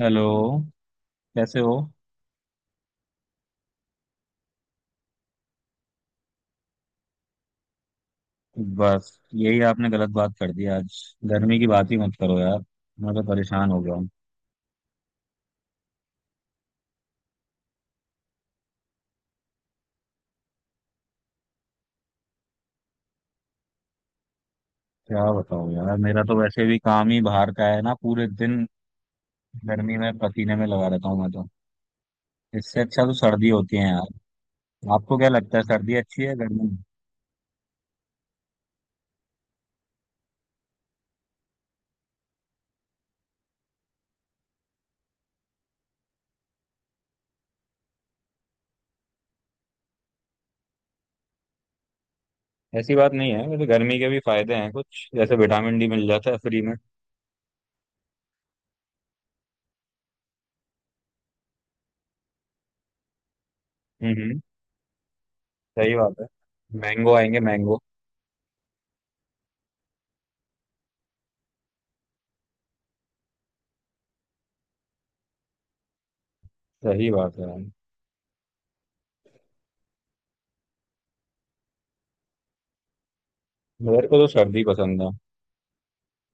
Hello. कैसे हो? बस यही आपने गलत बात कर दी आज। गर्मी की बात ही मत करो यार। मैं तो परेशान हो गया हूँ। क्या बताऊँ यार, मेरा तो वैसे भी काम ही बाहर का है ना। पूरे दिन गर्मी में पसीने में लगा रहता हूँ मैं तो। इससे अच्छा तो सर्दी होती है यार। आपको क्या लगता है, सर्दी अच्छी है गर्मी? ऐसी बात नहीं है, वैसे गर्मी के भी फायदे हैं कुछ। जैसे विटामिन डी मिल जाता है फ्री में। हम्म, हम्म। सही बात है। मैंगो आएंगे, मैंगो। सही बात है यार। मेरे को तो सर्दी पसंद है।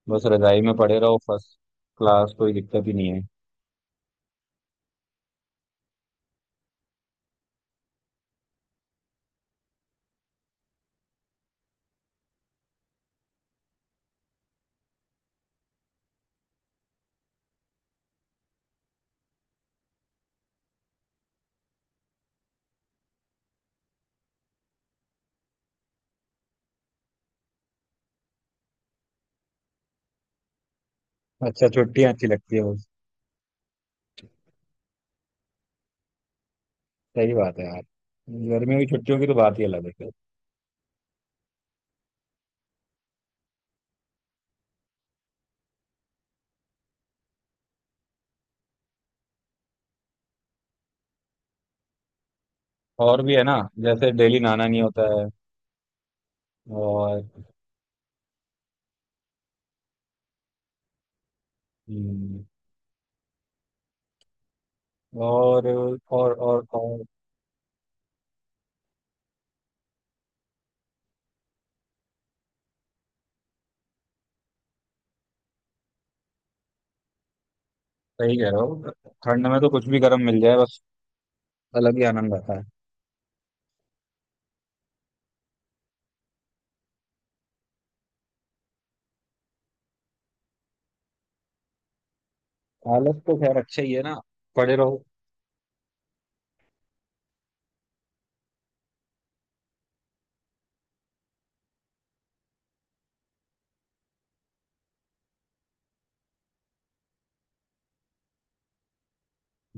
बस रजाई में पड़े रहो, फर्स्ट क्लास, कोई दिक्कत ही नहीं है। अच्छा, छुट्टियां अच्छी लगती है वो। सही बात है यार। गर्मियों की छुट्टियों की तो बात ही अलग है फिर। और भी है ना। जैसे डेली नहाना नहीं होता है। और हम्म, और सही कह रहे हो। ठंड में तो कुछ भी गर्म मिल जाए बस, अलग ही आनंद आता है। आलस तो खैर अच्छा ही है ना, पड़े रहो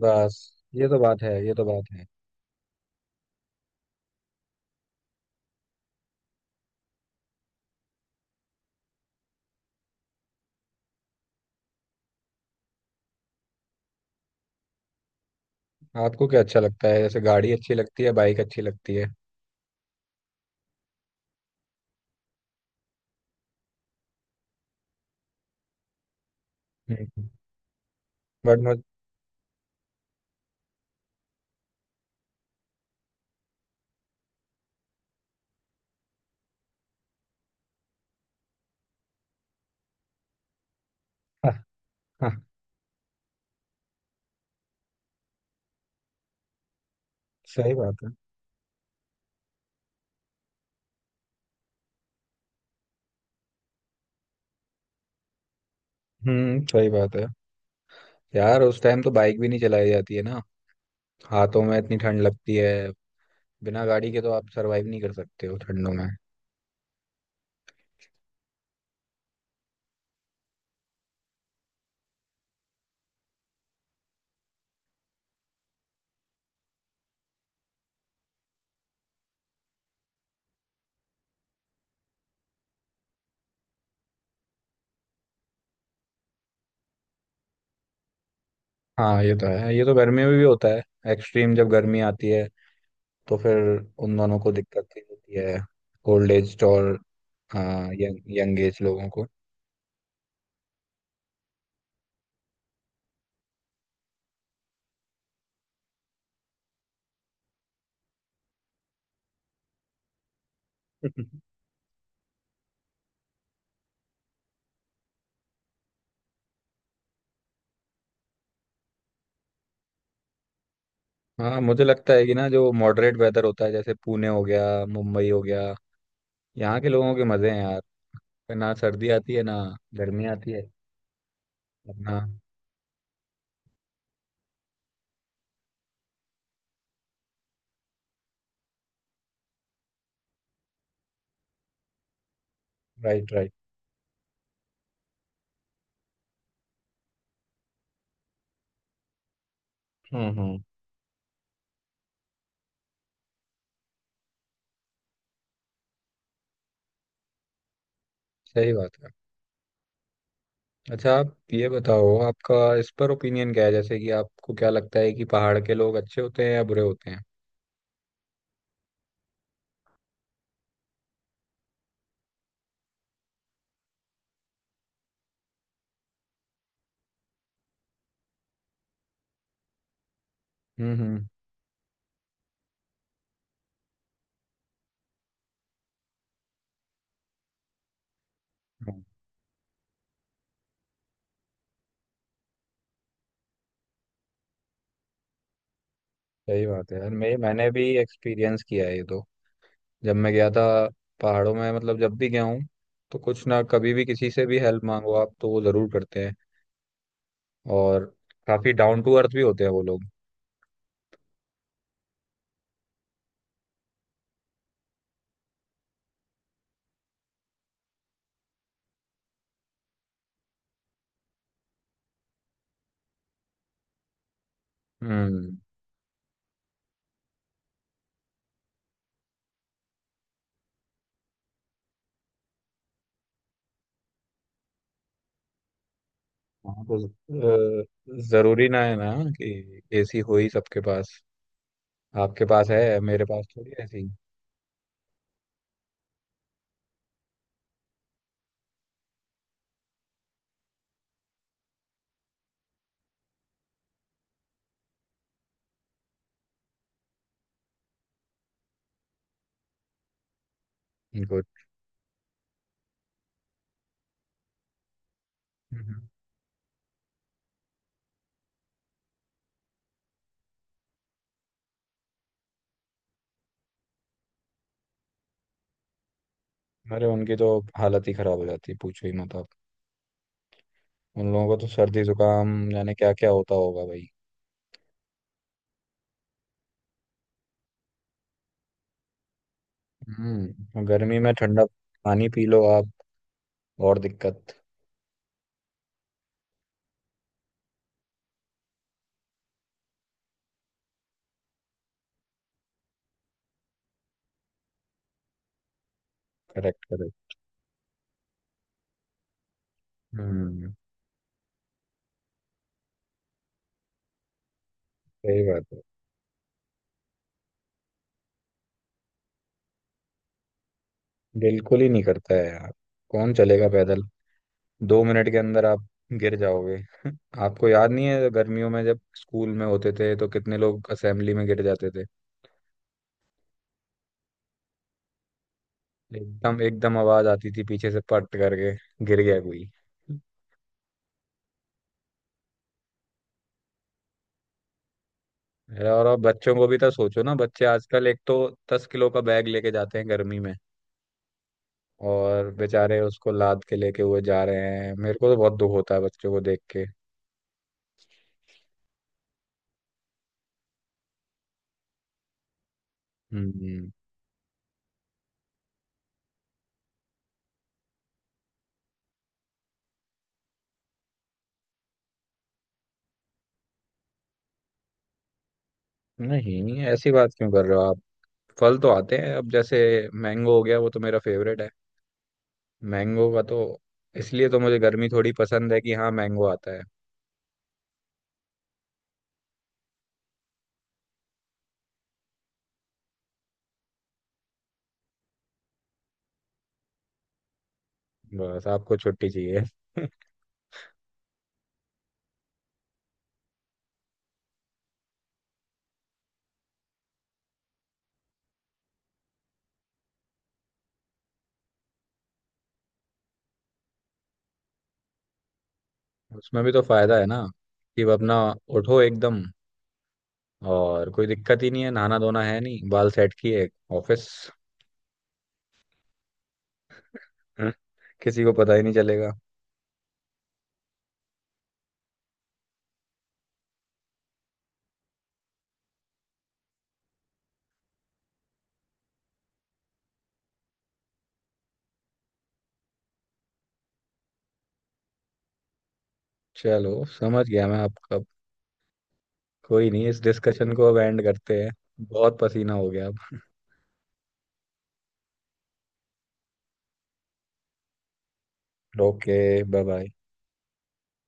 बस। ये तो बात है, ये तो बात है। आपको क्या अच्छा लगता है, जैसे गाड़ी अच्छी लगती है बाइक अच्छी लगती है? हम्म बट मुझे सही बात है। हम्म, सही बात है यार। उस टाइम तो बाइक भी नहीं चलाई जाती है ना। हाथों में इतनी ठंड लगती है। बिना गाड़ी के तो आप सरवाइव नहीं कर सकते हो ठंडों में। हाँ, ये तो है। ये तो गर्मियों में भी होता है। एक्सट्रीम जब गर्मी आती है तो फिर उन दोनों को दिक्कत ही होती है। ओल्ड एज और, हाँ, यंग एज लोगों को। हाँ, मुझे लगता है कि ना, जो मॉडरेट वेदर होता है, जैसे पुणे हो गया मुंबई हो गया, यहाँ के लोगों के मजे हैं यार। ना सर्दी आती है ना गर्मी आती है। अपना। Right, right. हम्म, हम्म। सही बात है। अच्छा, आप ये बताओ, आपका इस पर ओपिनियन क्या है? जैसे कि आपको क्या लगता है कि पहाड़ के लोग अच्छे होते हैं या बुरे होते हैं? हम्म, हम्म। हाँ, सही बात है यार। मैंने भी एक्सपीरियंस किया है ये तो। जब मैं गया था पहाड़ों में, मतलब जब भी गया हूँ, तो कुछ ना, कभी भी किसी से भी हेल्प मांगो आप, तो वो जरूर करते हैं। और काफी डाउन टू अर्थ भी होते हैं वो लोग। हम्म। हाँ तो अ, जरूरी ना है ना कि एसी हो ही सबके पास। आपके पास है, मेरे पास थोड़ी है ऐसी। गुड। अरे, उनकी तो हालत ही खराब हो जाती है, पूछो ही मत आप। उन लोगों को तो सर्दी जुकाम जाने क्या क्या होता होगा भाई। गर्मी में ठंडा पानी पी लो आप, और दिक्कत, करेक्ट, करे। हम्म, सही बात है। बिल्कुल ही नहीं करता है यार। कौन चलेगा पैदल? 2 मिनट के अंदर आप गिर जाओगे आपको याद नहीं है गर्मियों में जब स्कूल में होते थे तो कितने लोग असेंबली में गिर जाते थे? एकदम, एकदम आवाज आती थी पीछे से, पट करके गिर गया कोई। अरे, और अब बच्चों को भी तो सोचो ना, बच्चे आजकल एक तो 10 किलो का बैग लेके जाते हैं गर्मी में। और बेचारे उसको लाद के लेके हुए जा रहे हैं, मेरे को तो बहुत दुख होता है बच्चों को देख के। हम्म। नहीं, ऐसी बात क्यों कर रहे हो आप? फल तो आते हैं अब, जैसे मैंगो हो गया, वो तो मेरा फेवरेट है। मैंगो का तो, इसलिए तो मुझे गर्मी थोड़ी पसंद है कि हाँ, मैंगो आता है। बस, आपको छुट्टी चाहिए उसमें भी तो फायदा है ना, कि अपना उठो एकदम और कोई दिक्कत ही नहीं है। नहाना धोना है नहीं, बाल सेट किए, ऑफिस। हम्म। किसी को पता ही नहीं चलेगा। चलो, समझ गया मैं आपका। कोई नहीं, इस डिस्कशन को अब एंड करते हैं। बहुत पसीना हो गया अब ओके। Bye bye.